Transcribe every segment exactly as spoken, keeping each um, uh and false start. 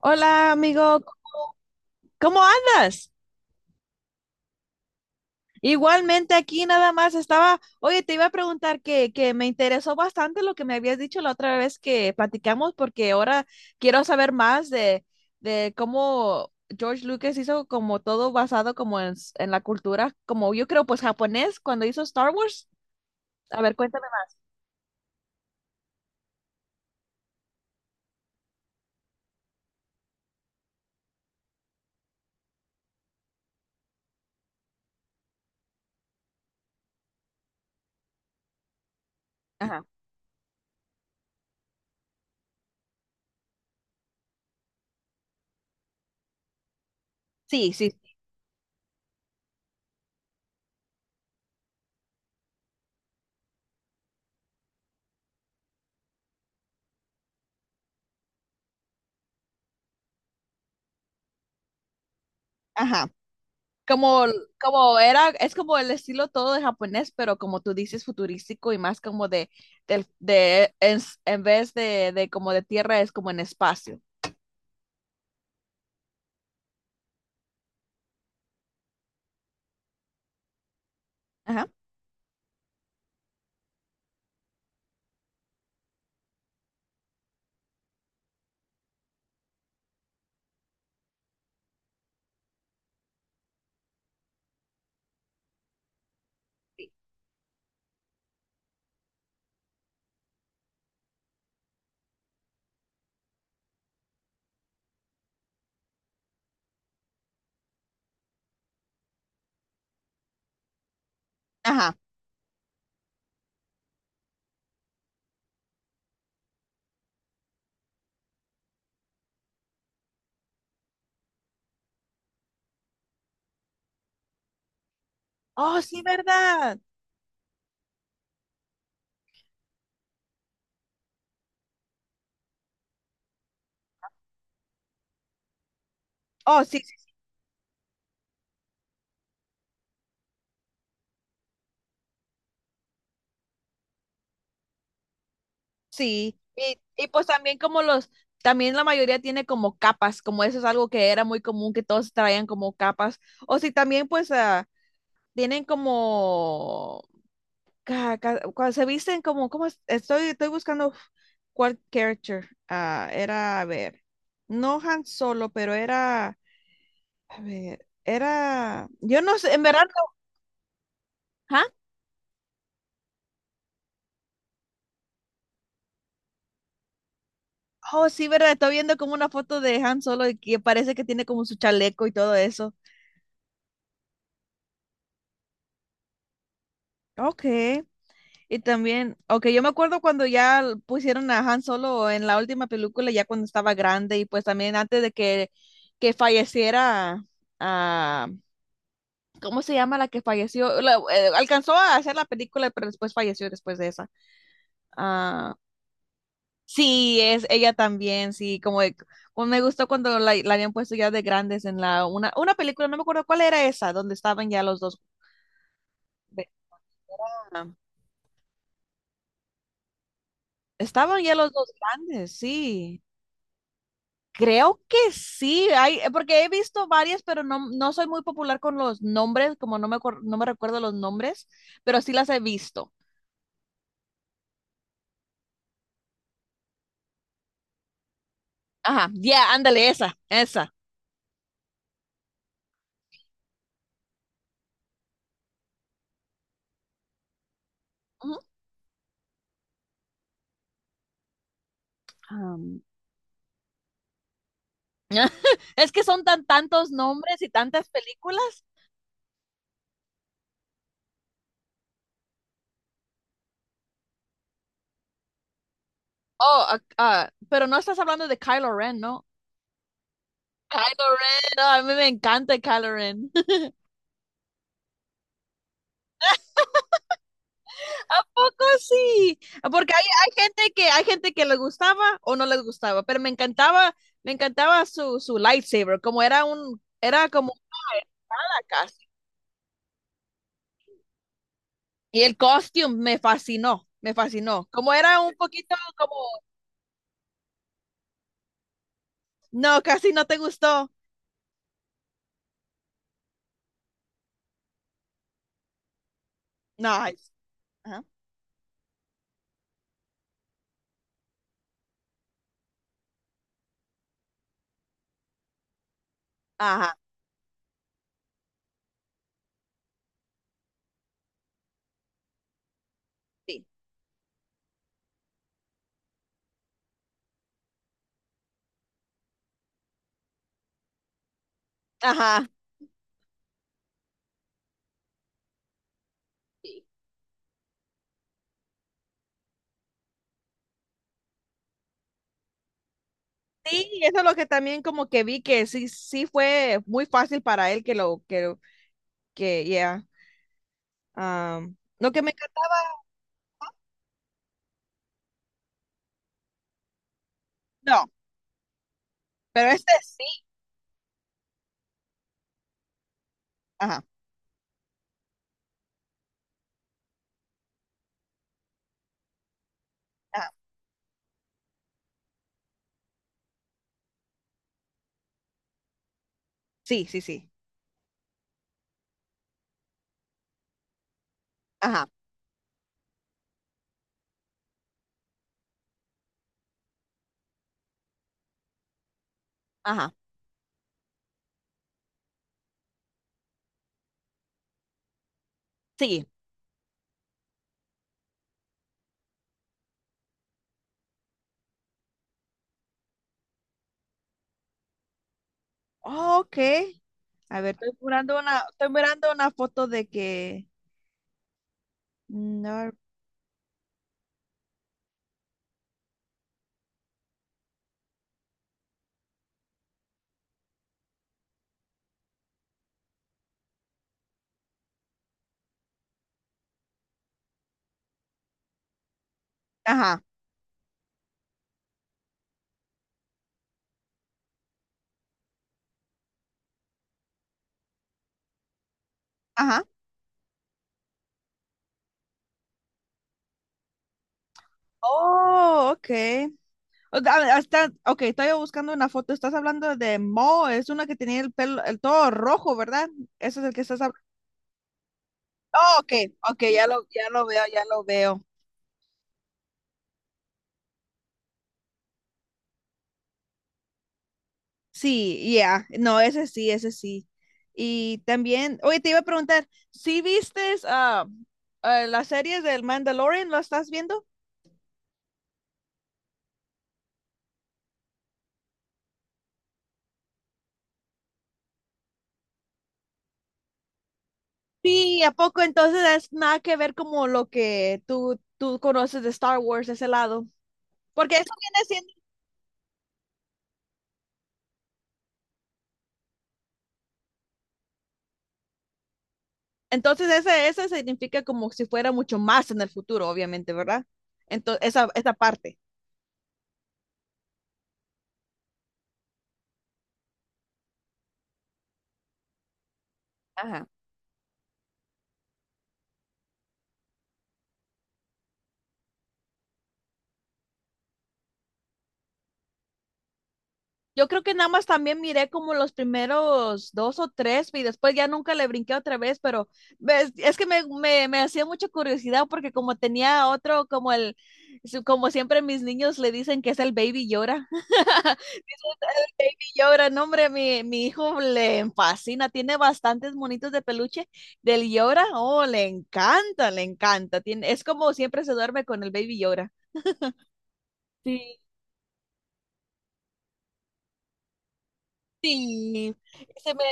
Hola, amigo, ¿cómo andas? Igualmente aquí nada más estaba, oye, te iba a preguntar que, que me interesó bastante lo que me habías dicho la otra vez que platicamos, porque ahora quiero saber más de, de cómo George Lucas hizo como todo basado como en, s- en la cultura, como yo creo, pues japonés, cuando hizo Star Wars. A ver, cuéntame más. Ajá. Sí, sí, sí. Ajá. Como, como era, es como el estilo todo de japonés, pero como tú dices, futurístico y más como de, del- de, en, en vez de, de como de tierra, es como en espacio. Ajá. Ajá. Oh, sí, ¿verdad? Oh, sí, sí. Sí. Y, y pues también como los, también la mayoría tiene como capas, como eso es algo que era muy común, que todos traían como capas. O sí, también pues ah, tienen como ca- ca- cuando se visten como, como es- estoy, estoy buscando cuál character ah, era, a ver, no Han Solo, pero era, a ver, era, yo no sé, en verdad, no- ¿ah? Oh, sí, verdad, estoy viendo como una foto de Han Solo y que parece que tiene como su chaleco y todo eso. Ok, y también, ok, yo me acuerdo cuando ya l- pusieron a Han Solo en la última película, ya cuando estaba grande y pues también antes de que, que falleciera ah, ¿cómo se llama la que falleció? La- eh, alcanzó a hacer la película, pero después falleció después de esa. Ah, sí, es ella también, sí, como, de- como me gustó cuando la, la habían puesto ya de grandes en la una, una película, no me acuerdo cuál era esa, donde estaban ya los dos. De- ah, estaban ya los dos grandes, sí. Creo que sí, hay, eh, porque he visto varias, pero no, no soy muy popular con los nombres, como no me, acuer- no me recuerdo los nombres, pero sí las he visto. Ajá, ya, ándale, esa, esa. Ujú. Am, Es que son tan tantos nombres y tantas películas. Oh, ah, ah, pero no estás hablando de Kylo Ren, ¿no? Kylo Ren. No, a mí me encanta Kylo Ren. ¿A poco sí? Porque hay, hay gente que hay gente que le gustaba o no les gustaba, pero me encantaba, me encantaba su, su lightsaber, como era un, era como una espada casi. Y el costume me fascinó, me fascinó. Como era un poquito como, no, casi no te gustó. No, ay, ajá, ajá, sí, ajá. Sí, eso es lo que también como que vi que sí, sí fue muy fácil para él que lo, que, lo- que, ya. am, lo que me encantaba, no, pero este sí. Ajá, ajá, sí, sí, sí. Ajá, ajá, sí. Ok. A ver, estoy mirando una, estoy mirando una foto de que. No- Ajá, ajá. Oh, ok. O- a- Hasta, ok, estoy buscando una foto. Estás hablando de Mo, es una que tenía el pelo, el todo rojo, ¿verdad? Eso es el que estás. Oh, ok, ok, ya lo, ya lo veo, ya lo veo. Sí, ya, no, ese sí, ese sí. Y también, oye, te iba a preguntar, ¿sí vistes ah, eh, las series del Mandalorian? ¿Lo estás viendo? Sí, ¿a poco entonces es nada que ver como lo que tú, tú conoces de Star Wars, ese lado? Porque eso viene siendo, entonces ese, ese significa como si fuera mucho más en el futuro, obviamente, ¿verdad? Entonces, esa, esa parte. Ajá. Yo creo que nada más también miré como los primeros dos o tres y después ya nunca le brinqué otra vez, pero ves, es que me, me, me hacía mucha curiosidad porque como tenía otro, como el, su- como siempre mis niños le dicen que es el baby llora. Llora, no hombre, mi, mi hijo le fascina, tiene bastantes monitos de peluche del llora, oh, le encanta, le encanta, tiene, es como siempre se duerme con el baby llora. Sí, se me,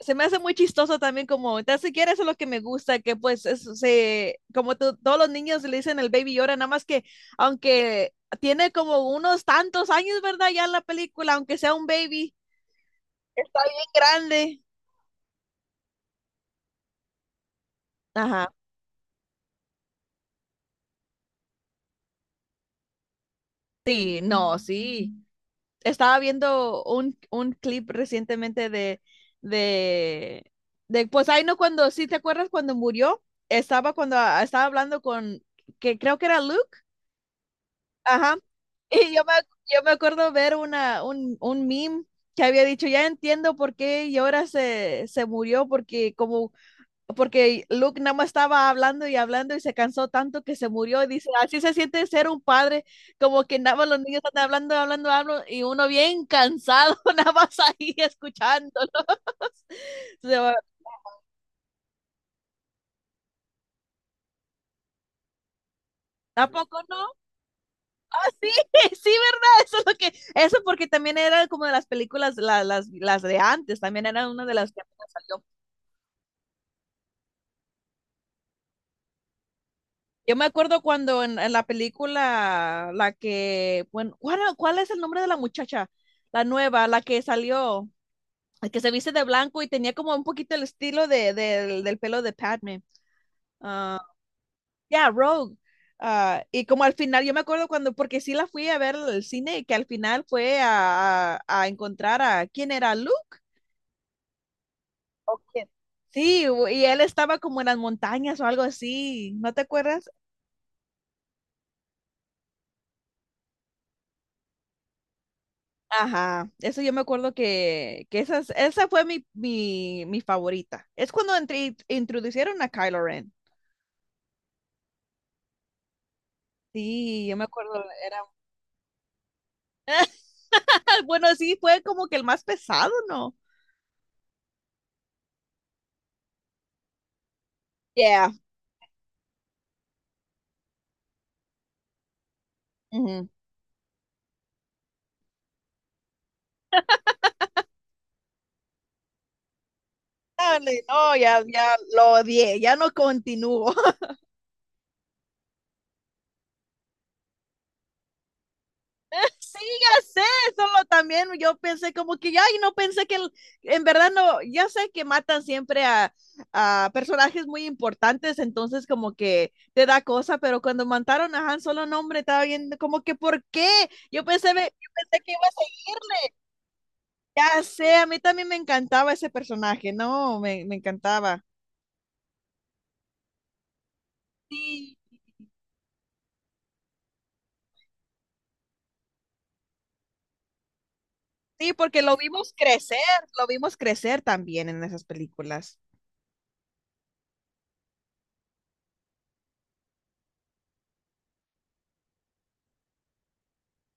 se me hace muy chistoso también como, ni siquiera eso es lo que me gusta, que pues es- se, como to- todos los niños le dicen el baby llora, nada más que aunque tiene como unos tantos años, ¿verdad? Ya en la película, aunque sea un baby, está bien grande. Ajá, sí, no, sí. Estaba viendo un, un clip recientemente de, de, de, pues ahí no cuando, sí, ¿te acuerdas cuando murió? Estaba cuando ah, estaba hablando con, que creo que era Luke. Ajá. Y yo me, ac- yo me acuerdo ver una, un, un meme que había dicho, ya entiendo por qué Yora se, se murió, porque como, porque Luke nada más estaba hablando y hablando y se cansó tanto que se murió. Y dice, así se siente ser un padre, como que nada más los niños están hablando, hablando, hablando, y uno bien cansado, nada más ahí escuchándolos. Se va, ¿a poco no? Ah, sí, sí, ¿verdad? Eso es lo que, eso porque también era como de las películas, la- las, las de antes, también era una de las que apenas salió. Yo me acuerdo cuando en, en la película, la que, bueno, ¿cuál, cuál es el nombre de la muchacha? La nueva, la que salió, la que se viste de blanco y tenía como un poquito el estilo de, del del pelo de Padme. Ah, yeah, Rogue. Ah, y como al final, yo me acuerdo cuando, porque sí la fui a ver al cine, y que al final fue a, a- a encontrar a, ¿quién era? ¿Luke? ¿O quién? Sí, u- y él estaba como en las montañas o algo así, ¿no te acuerdas? Ajá, eso yo me acuerdo que, que esas, esa fue mi, mi, mi favorita. Es cuando entre- introducieron a Kylo Ren. Sí, yo me acuerdo, era, bueno, sí, fue como que el más pesado, ¿no? Yeah. Ujú. Dale, no, ya, ya lo odié, ya no continúo. Sí, ya sé, solo también yo pensé como que ay no pensé que el- en verdad no, ya sé que matan siempre a, a personajes muy importantes, entonces como que te da cosa, pero cuando mataron a Han Solo, no, hombre, estaba viendo como que ¿por qué? Yo pensé, me- yo pensé que iba a seguir, ya sé, a mí también me encantaba ese personaje, no, me, me encantaba. Sí, sí, porque lo vimos crecer, lo vimos crecer también en esas películas.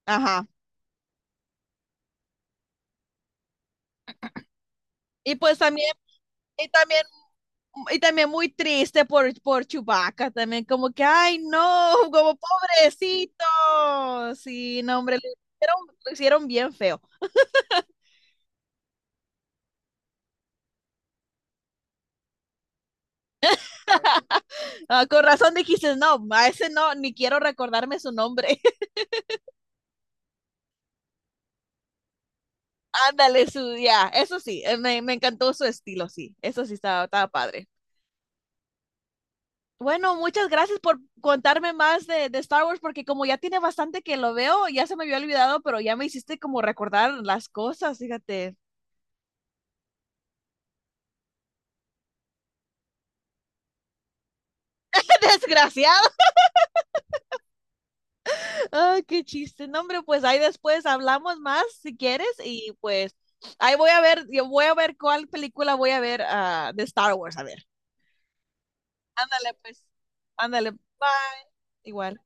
Ajá. Y pues también y también, y también muy triste por, por Chewbacca, también como que, ay, no, como pobrecito. Sí, no, hombre, lo hicieron, lo hicieron bien feo. Ah, con razón dijiste, no, a ese no, ni quiero recordarme su nombre. Ándale, su, ya, eso sí, eh, me, me encantó su estilo, sí, eso sí estaba, estaba padre. Bueno, muchas gracias por contarme más de, de Star Wars, porque como ya tiene bastante que lo veo, ya se me había olvidado, pero ya me hiciste como recordar las cosas, fíjate. ¡Desgraciado! Ah, qué chiste. No, hombre, pues ahí después hablamos más si quieres y pues ahí voy a ver, yo voy a ver cuál película voy a ver ah, de Star Wars, a ver. Ándale, pues. Ándale. Bye. Igual.